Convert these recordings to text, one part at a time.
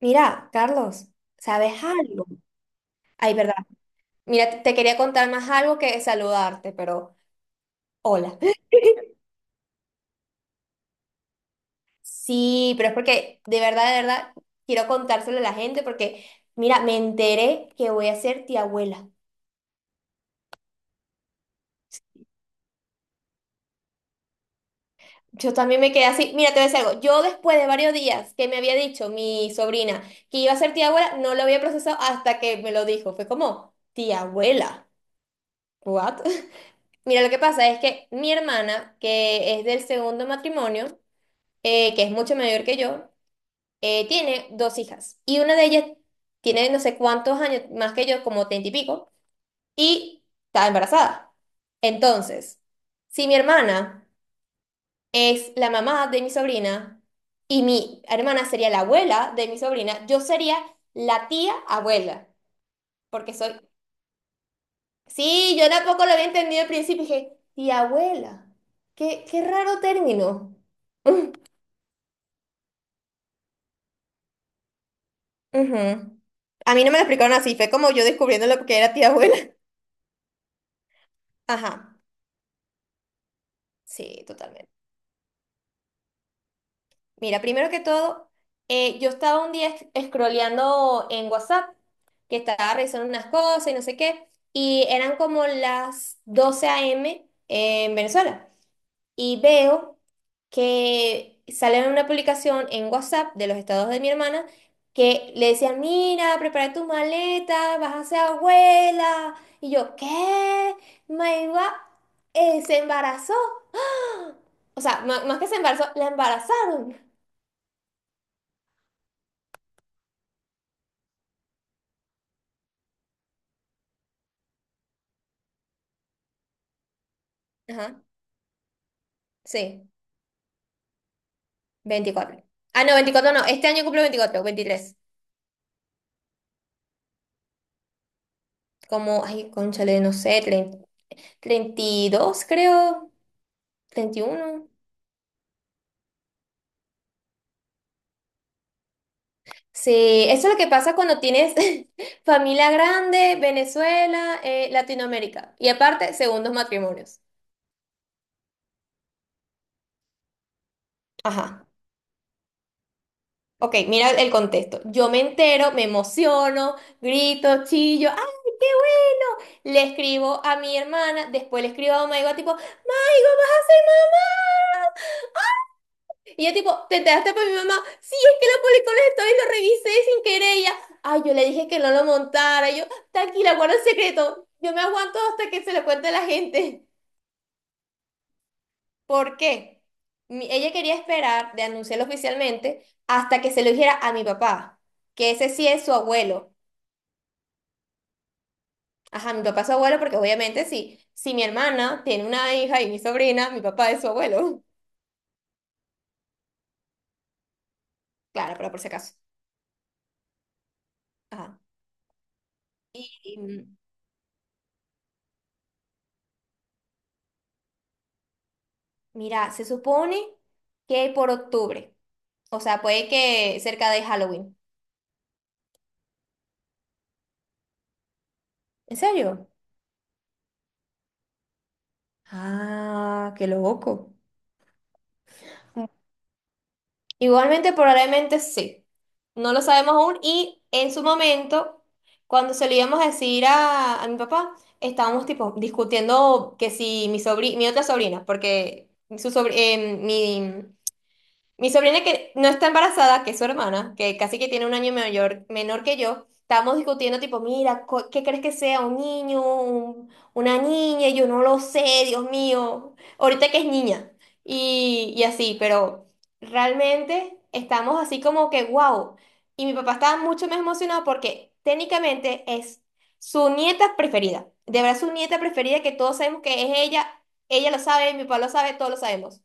Mira, Carlos, ¿sabes algo? Ay, verdad. Mira, te quería contar más algo que saludarte, pero hola. Sí, pero es porque de verdad, quiero contárselo a la gente porque, mira, me enteré que voy a ser tía abuela. Yo también me quedé así. Mira, te voy a decir algo. Yo después de varios días que me había dicho mi sobrina que iba a ser tía abuela, no lo había procesado hasta que me lo dijo. Fue como, tía abuela. ¿What? Mira, lo que pasa es que mi hermana, que es del segundo matrimonio, que es mucho mayor que yo, tiene dos hijas. Y una de ellas tiene no sé cuántos años más que yo, como 30 y pico, y está embarazada. Entonces, si mi hermana es la mamá de mi sobrina y mi hermana sería la abuela de mi sobrina, yo sería la tía abuela. Porque soy. Sí, yo tampoco lo había entendido al principio. Dije, tía abuela. Qué, qué raro término. Ujú. A mí no me lo explicaron así, fue como yo descubriendo lo que era tía abuela. Ajá, sí, totalmente. Mira, primero que todo, yo estaba un día scrolleando en WhatsApp, que estaba revisando unas cosas y no sé qué, y eran como las 12 a.m. en Venezuela. Y veo que sale una publicación en WhatsApp de los estados de mi hermana que le decían, mira, prepara tu maleta, vas a ser abuela. Y yo, ¿qué? Maiva se embarazó. ¡Ah! O sea, más que se embarazó, la embarazaron. Ajá, sí, 24. Ah, no, 24 no, este año cumple 24, 23. Como, ay, cónchale, no sé, 30, 32 creo, 31. Sí, eso es lo que pasa cuando tienes familia grande, Venezuela, Latinoamérica y aparte, segundos matrimonios. Ajá. Ok, mira el contexto. Yo me entero, me emociono, grito, chillo, ¡ay, qué bueno! Le escribo a mi hermana, después le escribo a Maigo tipo, ¡Maigo, vas a ser mamá! Y yo tipo, te enteraste por mi mamá, sí, es que lo publicó en las stories, lo revisé sin querer. Y ella, ay, yo le dije que no lo montara. Y yo, tranquila, guarda el secreto. Yo me aguanto hasta que se lo cuente a la gente. ¿Por qué? Ella quería esperar de anunciarlo oficialmente hasta que se lo dijera a mi papá, que ese sí es su abuelo. Ajá, mi papá es su abuelo porque obviamente sí, si mi hermana tiene una hija y mi sobrina, mi papá es su abuelo. Claro, pero por si acaso. Ajá. Y, mira, se supone que por octubre, o sea, puede que cerca de Halloween. ¿En serio? Ah, qué loco. Igualmente, probablemente sí. No lo sabemos aún y en su momento, cuando se lo íbamos a decir a mi papá, estábamos tipo discutiendo que si mi mi otra sobrina, porque su mi. Mi sobrina que no está embarazada, que es su hermana, que casi que tiene un año mayor, menor que yo, estábamos discutiendo tipo, mira, ¿qué crees que sea? ¿Un niño? ¿Una niña? Y yo no lo sé, Dios mío. Ahorita que es niña. Y así, pero realmente estamos así como que, wow. Y mi papá estaba mucho más emocionado porque técnicamente es su nieta preferida. De verdad, su nieta preferida que todos sabemos que es ella. Ella lo sabe, mi papá lo sabe, todos lo sabemos.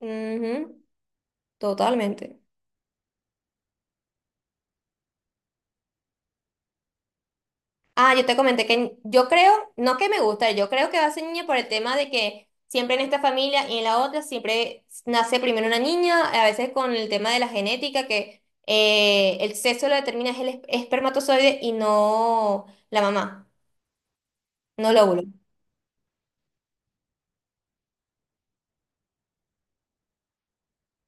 Ujú, totalmente. Ah, yo te comenté que yo creo, no que me gusta, yo creo que va a ser niña por el tema de que siempre en esta familia y en la otra siempre nace primero una niña, a veces con el tema de la genética, que el sexo lo determina es el espermatozoide y no la mamá, no el óvulo.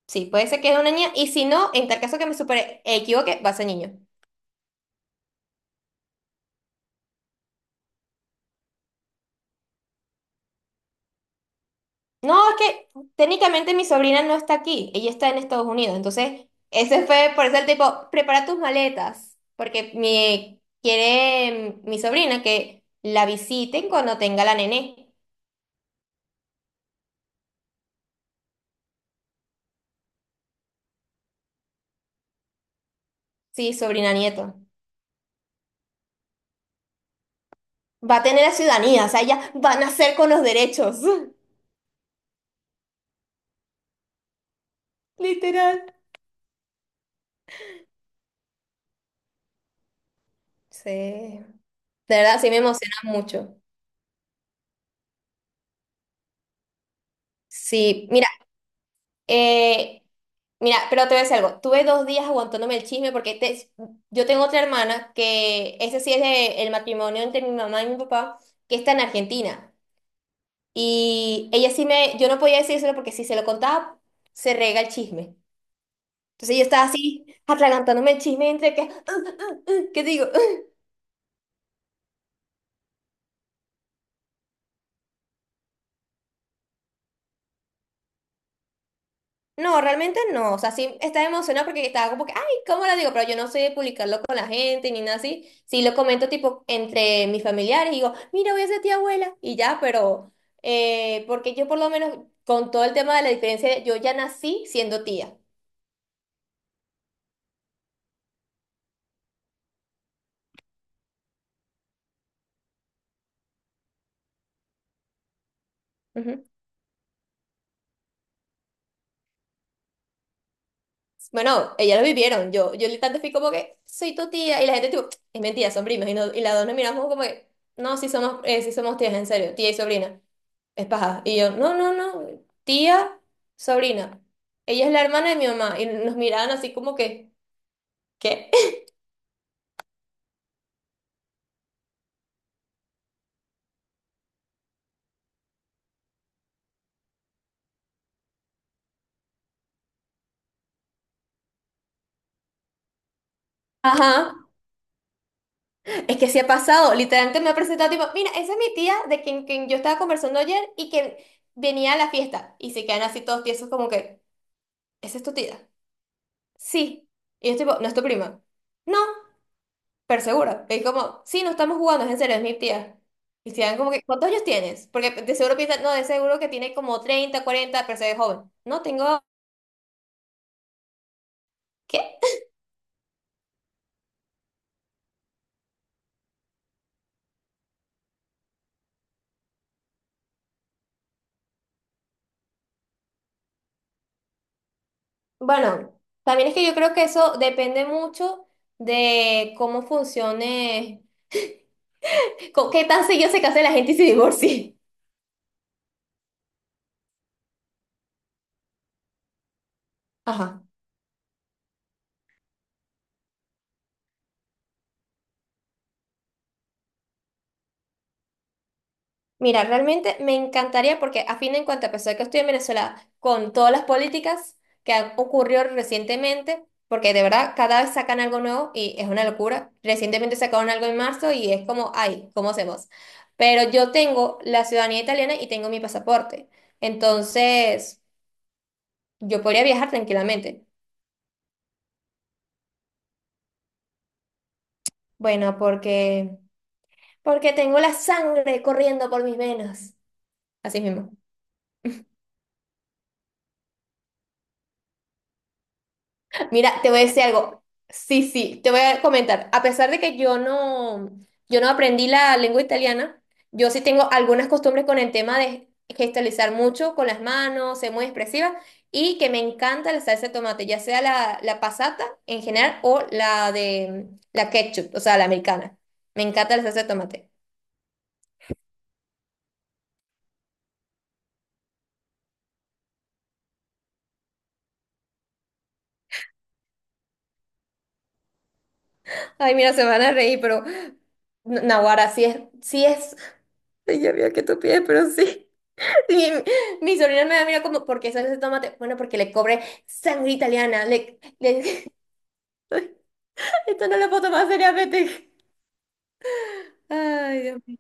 Sí, puede ser que es una niña y si no, en tal caso que me supere, equivoque, va a ser niño. No, es que técnicamente mi sobrina no está aquí, ella está en Estados Unidos, entonces ese fue por eso el tipo, prepara tus maletas, porque mi, quiere mi sobrina que la visiten cuando tenga la nené, sí, sobrina nieto. Va a tener la ciudadanía, o sea, ella va a nacer con los derechos, literal. Sí, de verdad, sí me emociona mucho. Sí, mira. Eh, mira, pero te voy a decir algo. Tuve dos días aguantándome el chisme porque yo tengo otra hermana que ese sí es el matrimonio entre mi mamá y mi papá, que está en Argentina. Y ella sí me, yo no podía decírselo porque si se lo contaba, se rega el chisme. Entonces yo estaba así, atragantándome el chisme entre que, ¿qué digo? No, realmente no. O sea, sí estaba emocionada porque estaba como que, ay, ¿cómo lo digo? Pero yo no sé publicarlo con la gente ni nada así. Sí lo comento tipo entre mis familiares y digo, mira, voy a ser tía abuela y ya, pero porque yo por lo menos con todo el tema de la diferencia, yo ya nací siendo tía. Ujú. Bueno, ellas lo vivieron. Yo literalmente fui como que, soy tu tía. Y la gente tipo, es mentira, son primas. Y, y las dos nos miramos como que, no, sí somos tías, en serio, tía y sobrina. Es paja. Y yo, no, no, no, tía, sobrina. Ella es la hermana de mi mamá. Y nos miraban así como que, ¿qué? Ajá, es que sí ha pasado. Literalmente me ha presentado tipo, mira, esa es mi tía de quien yo estaba conversando ayer y que venía a la fiesta. Y se quedan así todos tiesos como que, ¿esa es tu tía? Sí. Y yo tipo, ¿no es tu prima? No, pero seguro. Y como, sí, no estamos jugando, es en serio, es mi tía. Y se dan como que, ¿cuántos años tienes? Porque de seguro piensan, no, de seguro que tiene como 30, 40 pero se ve joven. No, tengo... ¿Qué? Bueno, también es que yo creo que eso depende mucho de cómo funcione, qué tan seguido se case la gente y se divorcie. Ajá. Mira, realmente me encantaría porque a fin de cuentas, a pesar de que estoy en Venezuela, con todas las políticas que han ocurrido recientemente, porque de verdad cada vez sacan algo nuevo y es una locura. Recientemente sacaron algo en marzo y es como, ay, ¿cómo hacemos? Pero yo tengo la ciudadanía italiana y tengo mi pasaporte. Entonces, yo podría viajar tranquilamente. Bueno, porque, porque tengo la sangre corriendo por mis venas. Así mismo. Mira, te voy a decir algo. Sí, sí, te voy a comentar. A pesar de que yo no, yo no aprendí la lengua italiana, yo sí tengo algunas costumbres con el tema de gestualizar mucho con las manos, ser muy expresiva y que me encanta la salsa de tomate, ya sea la, la passata en general o la de la ketchup, o sea, la americana. Me encanta la salsa de tomate. Ay, mira, se van a reír, pero... Naguará, sí es, sí es. Ya veo que tú pides, pero sí. Mi, mi sobrina me mira como, ¿por qué sale ese tomate? Bueno, porque le cobré sangre italiana. Le, esto no lo puedo tomar seriamente. Ay, Dios mío.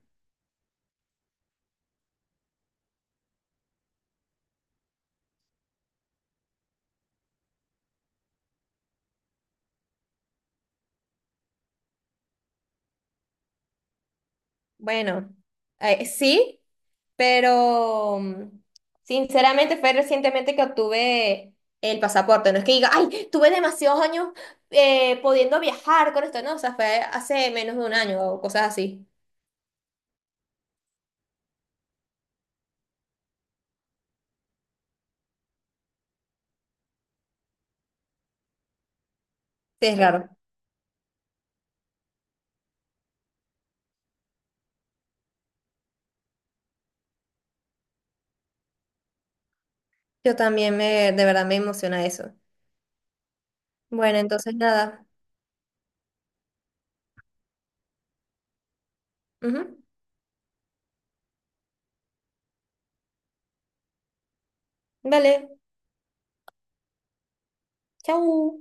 Bueno, sí, pero sinceramente fue recientemente que obtuve el pasaporte. No es que diga, ay, tuve demasiados años pudiendo viajar con esto, no, o sea, fue hace menos de un año o cosas así. Sí, es raro. Yo también me, de verdad me emociona eso. Bueno, entonces nada. Ujú. Dale, chau.